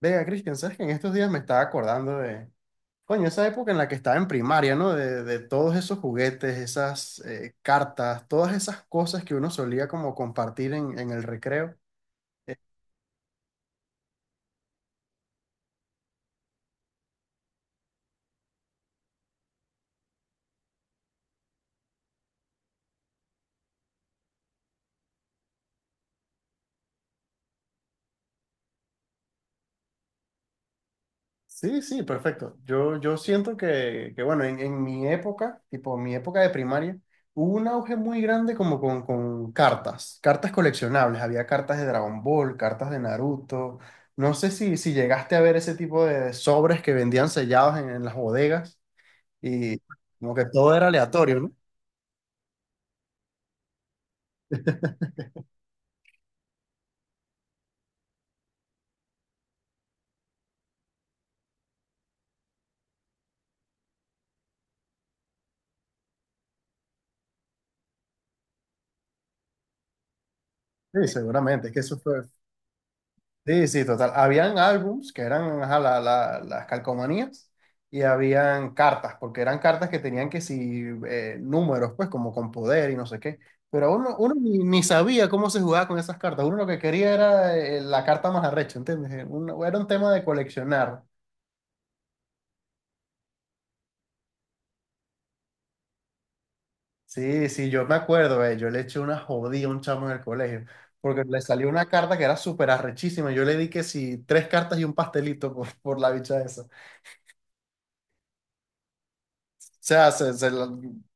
Vea, Cristian, sabes que en estos días me estaba acordando de, coño, esa época en la que estaba en primaria, ¿no? De todos esos juguetes, esas cartas, todas esas cosas que uno solía como compartir en el recreo. Eh, sí, sí, perfecto. Yo siento que bueno, en mi época, tipo mi época de primaria, hubo un auge muy grande como con cartas, cartas coleccionables. Había cartas de Dragon Ball, cartas de Naruto. No sé si llegaste a ver ese tipo de sobres que vendían sellados en las bodegas. Y como que todo era aleatorio, ¿no? Sí, seguramente, es que eso fue. Sí, sí, total. Habían álbums que eran ajá, las calcomanías y habían cartas, porque eran cartas que tenían que si números, pues como con poder y no sé qué. Pero uno ni sabía cómo se jugaba con esas cartas. Uno lo que quería era la carta más arrecha, ¿entiendes? Era un tema de coleccionar. Sí, sí, yo me acuerdo, yo le eché una jodida a un chamo en el colegio, porque le salió una carta que era súper arrechísima. Yo le di que sí, tres cartas y un pastelito por la bicha esa. O sea,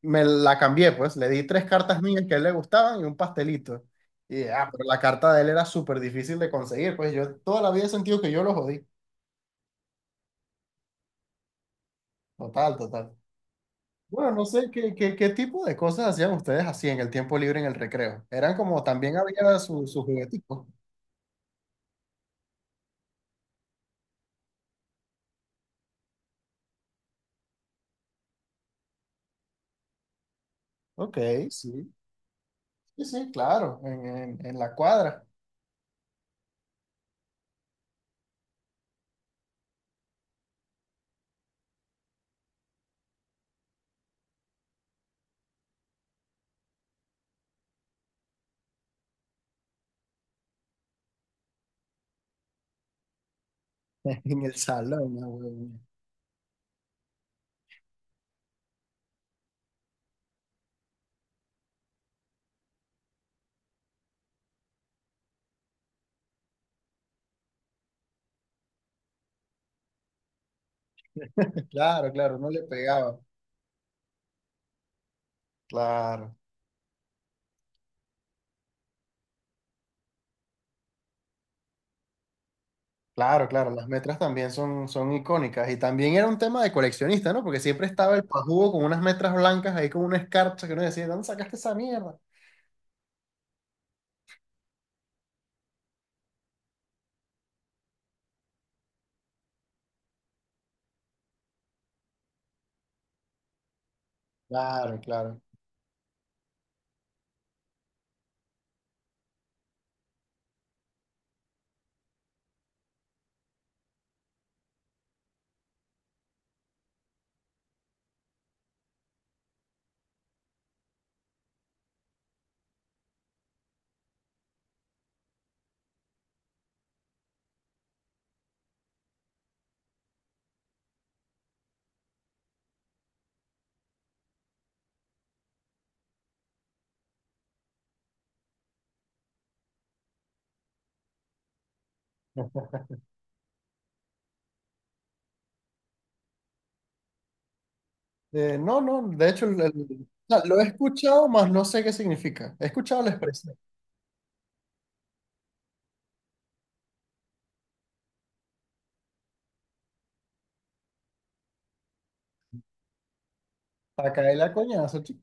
me la cambié, pues. Le di tres cartas mías que a él le gustaban y un pastelito. Y ah, pero la carta de él era súper difícil de conseguir, pues yo toda la vida he sentido que yo lo jodí. Total, total. Bueno, no sé qué tipo de cosas hacían ustedes así en el tiempo libre en el recreo. Eran como también había sus su jugueticos. Ok, sí. Sí, sí, claro, en la cuadra, en el salón, ah, huevón. Claro, claro, no le pegaba. Claro, claro, claro, las metras también son, son icónicas y también era un tema de coleccionista, ¿no? Porque siempre estaba el pajugo con unas metras blancas ahí con una escarcha que uno decía, ¿dónde sacaste esa mierda? Claro, claro. No, no, de hecho o sea, lo he escuchado, más no sé qué significa. He escuchado la expresión, para caer la coñazo, chico.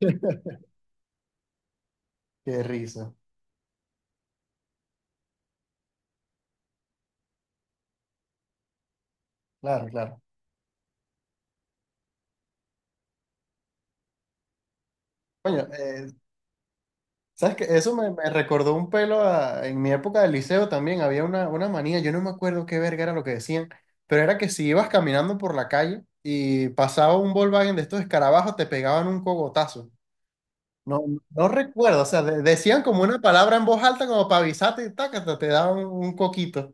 Qué risa. Claro, claro. Coño, ¿sabes qué? Eso me, me recordó un pelo en mi época de liceo también. Había una manía, yo no me acuerdo qué verga era lo que decían, pero era que si ibas caminando por la calle y pasaba un Volkswagen de estos escarabajos, te pegaban un cogotazo. No, no recuerdo, o sea, decían como una palabra en voz alta como para avisarte y tácata, te daban un coquito.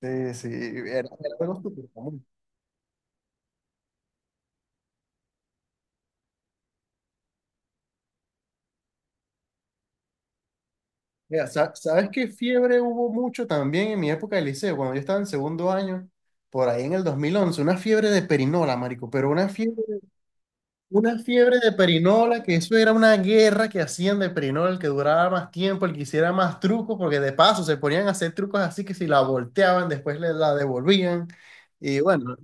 Sí, sí, era, era algo súper común. Mira, ¿sabes qué fiebre hubo mucho también en mi época de liceo? Cuando yo estaba en segundo año, por ahí en el 2011, una fiebre de perinola, marico, pero una fiebre de perinola, que eso era una guerra que hacían de perinola, el que duraba más tiempo, el que hiciera más trucos, porque de paso se ponían a hacer trucos así que si la volteaban, después le la devolvían. Y bueno,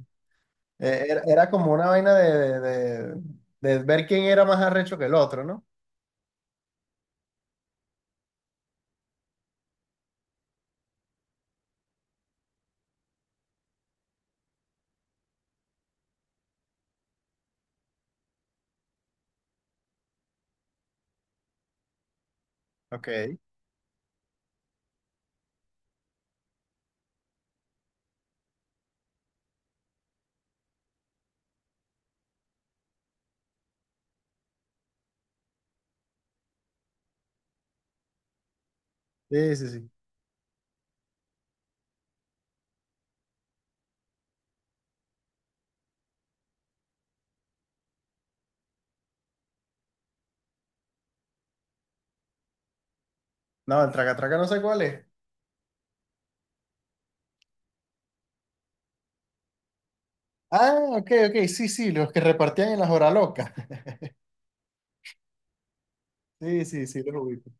era, era como una vaina de ver quién era más arrecho que el otro, ¿no? Ok. Sí, sí, sí. No, el traca-traca no sé cuál es. Ah, ok, ok, sí, sí, los que repartían en las horas locas. Sí, sí, sí, los ubico.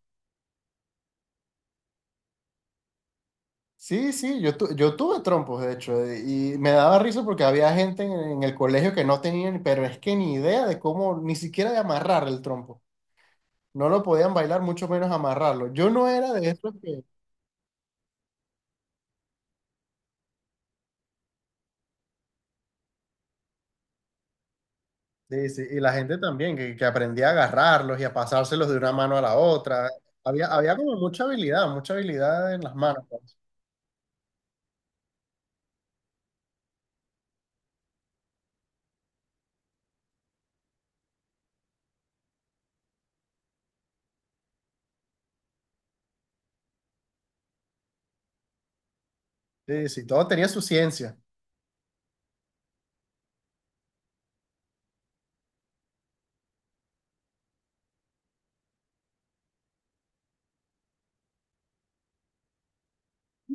Sí, sí, yo tuve trompos, de hecho, y me daba risa porque había gente en el colegio que no tenían, pero es que ni idea de cómo, ni siquiera de amarrar el trompo. No lo podían bailar, mucho menos amarrarlo. Yo no era de esos que... Sí, sí, y la gente también, que aprendía a agarrarlos y a pasárselos de una mano a la otra. Había, había como mucha habilidad en las manos, pues. Sí, sí, todo tenía su ciencia.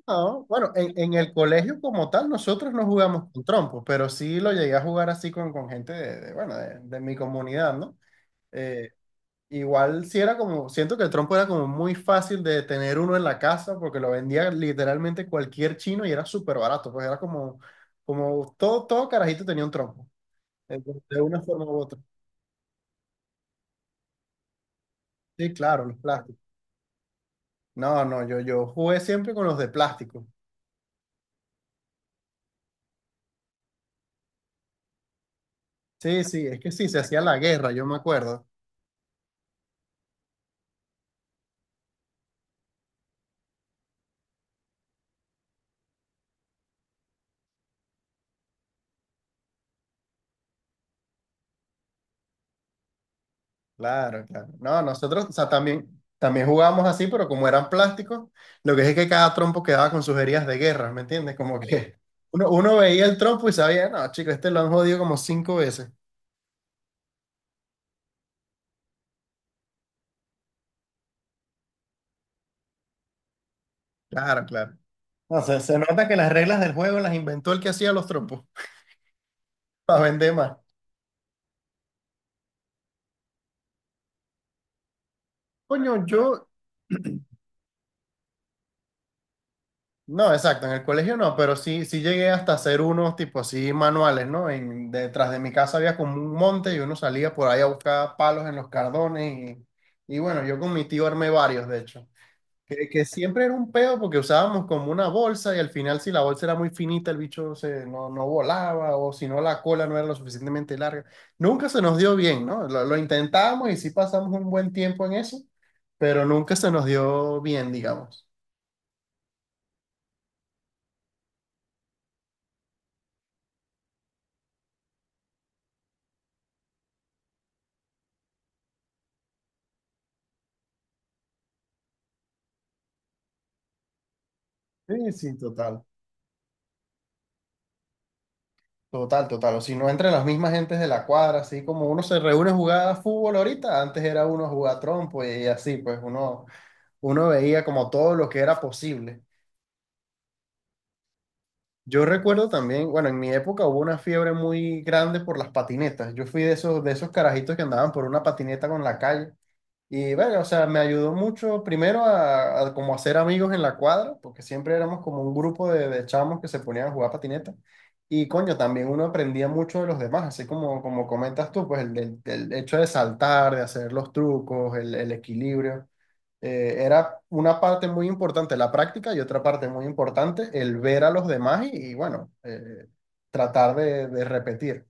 No, bueno, en el colegio como tal nosotros no jugamos con trompos, pero sí lo llegué a jugar así con gente bueno, de mi comunidad, ¿no? Eh, igual sí era como, siento que el trompo era como muy fácil de tener uno en la casa porque lo vendía literalmente cualquier chino y era súper barato, pues era como, como todo, todo carajito tenía un trompo, de una forma u otra. Sí, claro, los plásticos. No, no, yo jugué siempre con los de plástico. Sí, sí, es que sí, se hacía la guerra, yo me acuerdo. Claro, claro. No, nosotros, o sea, también, también jugábamos así, pero como eran plásticos, lo que es que cada trompo quedaba con sus heridas de guerra, ¿me entiendes? Como sí, que uno, uno veía el trompo y sabía, no, chico, este lo han jodido como cinco veces. Claro, claro. No, se nota que las reglas del juego las inventó el que hacía los trompos, para vender más. Coño, yo, no, exacto, en el colegio no, pero sí, sí llegué hasta hacer unos tipo así manuales, ¿no? En, detrás de mi casa había como un monte y uno salía por ahí a buscar palos en los cardones y bueno, yo con mi tío armé varios, de hecho, que siempre era un peo porque usábamos como una bolsa y al final si la bolsa era muy finita el bicho se, no, no volaba o si no la cola no era lo suficientemente larga. Nunca se nos dio bien, ¿no? Lo intentábamos y sí pasamos un buen tiempo en eso, pero nunca se nos dio bien, digamos. Sí, sí, total. Total, total. O si no, entre las mismas gentes de la cuadra, así como uno se reúne a jugar a fútbol ahorita, antes era uno a jugar trompo y así, pues uno, uno veía como todo lo que era posible. Yo recuerdo también, bueno, en mi época hubo una fiebre muy grande por las patinetas. Yo fui de esos carajitos que andaban por una patineta con la calle. Y bueno, o sea, me ayudó mucho primero a como hacer amigos en la cuadra, porque siempre éramos como un grupo de chamos que se ponían a jugar patineta. Y coño, también uno aprendía mucho de los demás, así como, como comentas tú, pues el hecho de saltar, de hacer los trucos, el equilibrio. Era una parte muy importante la práctica y otra parte muy importante el ver a los demás y bueno, tratar de repetir.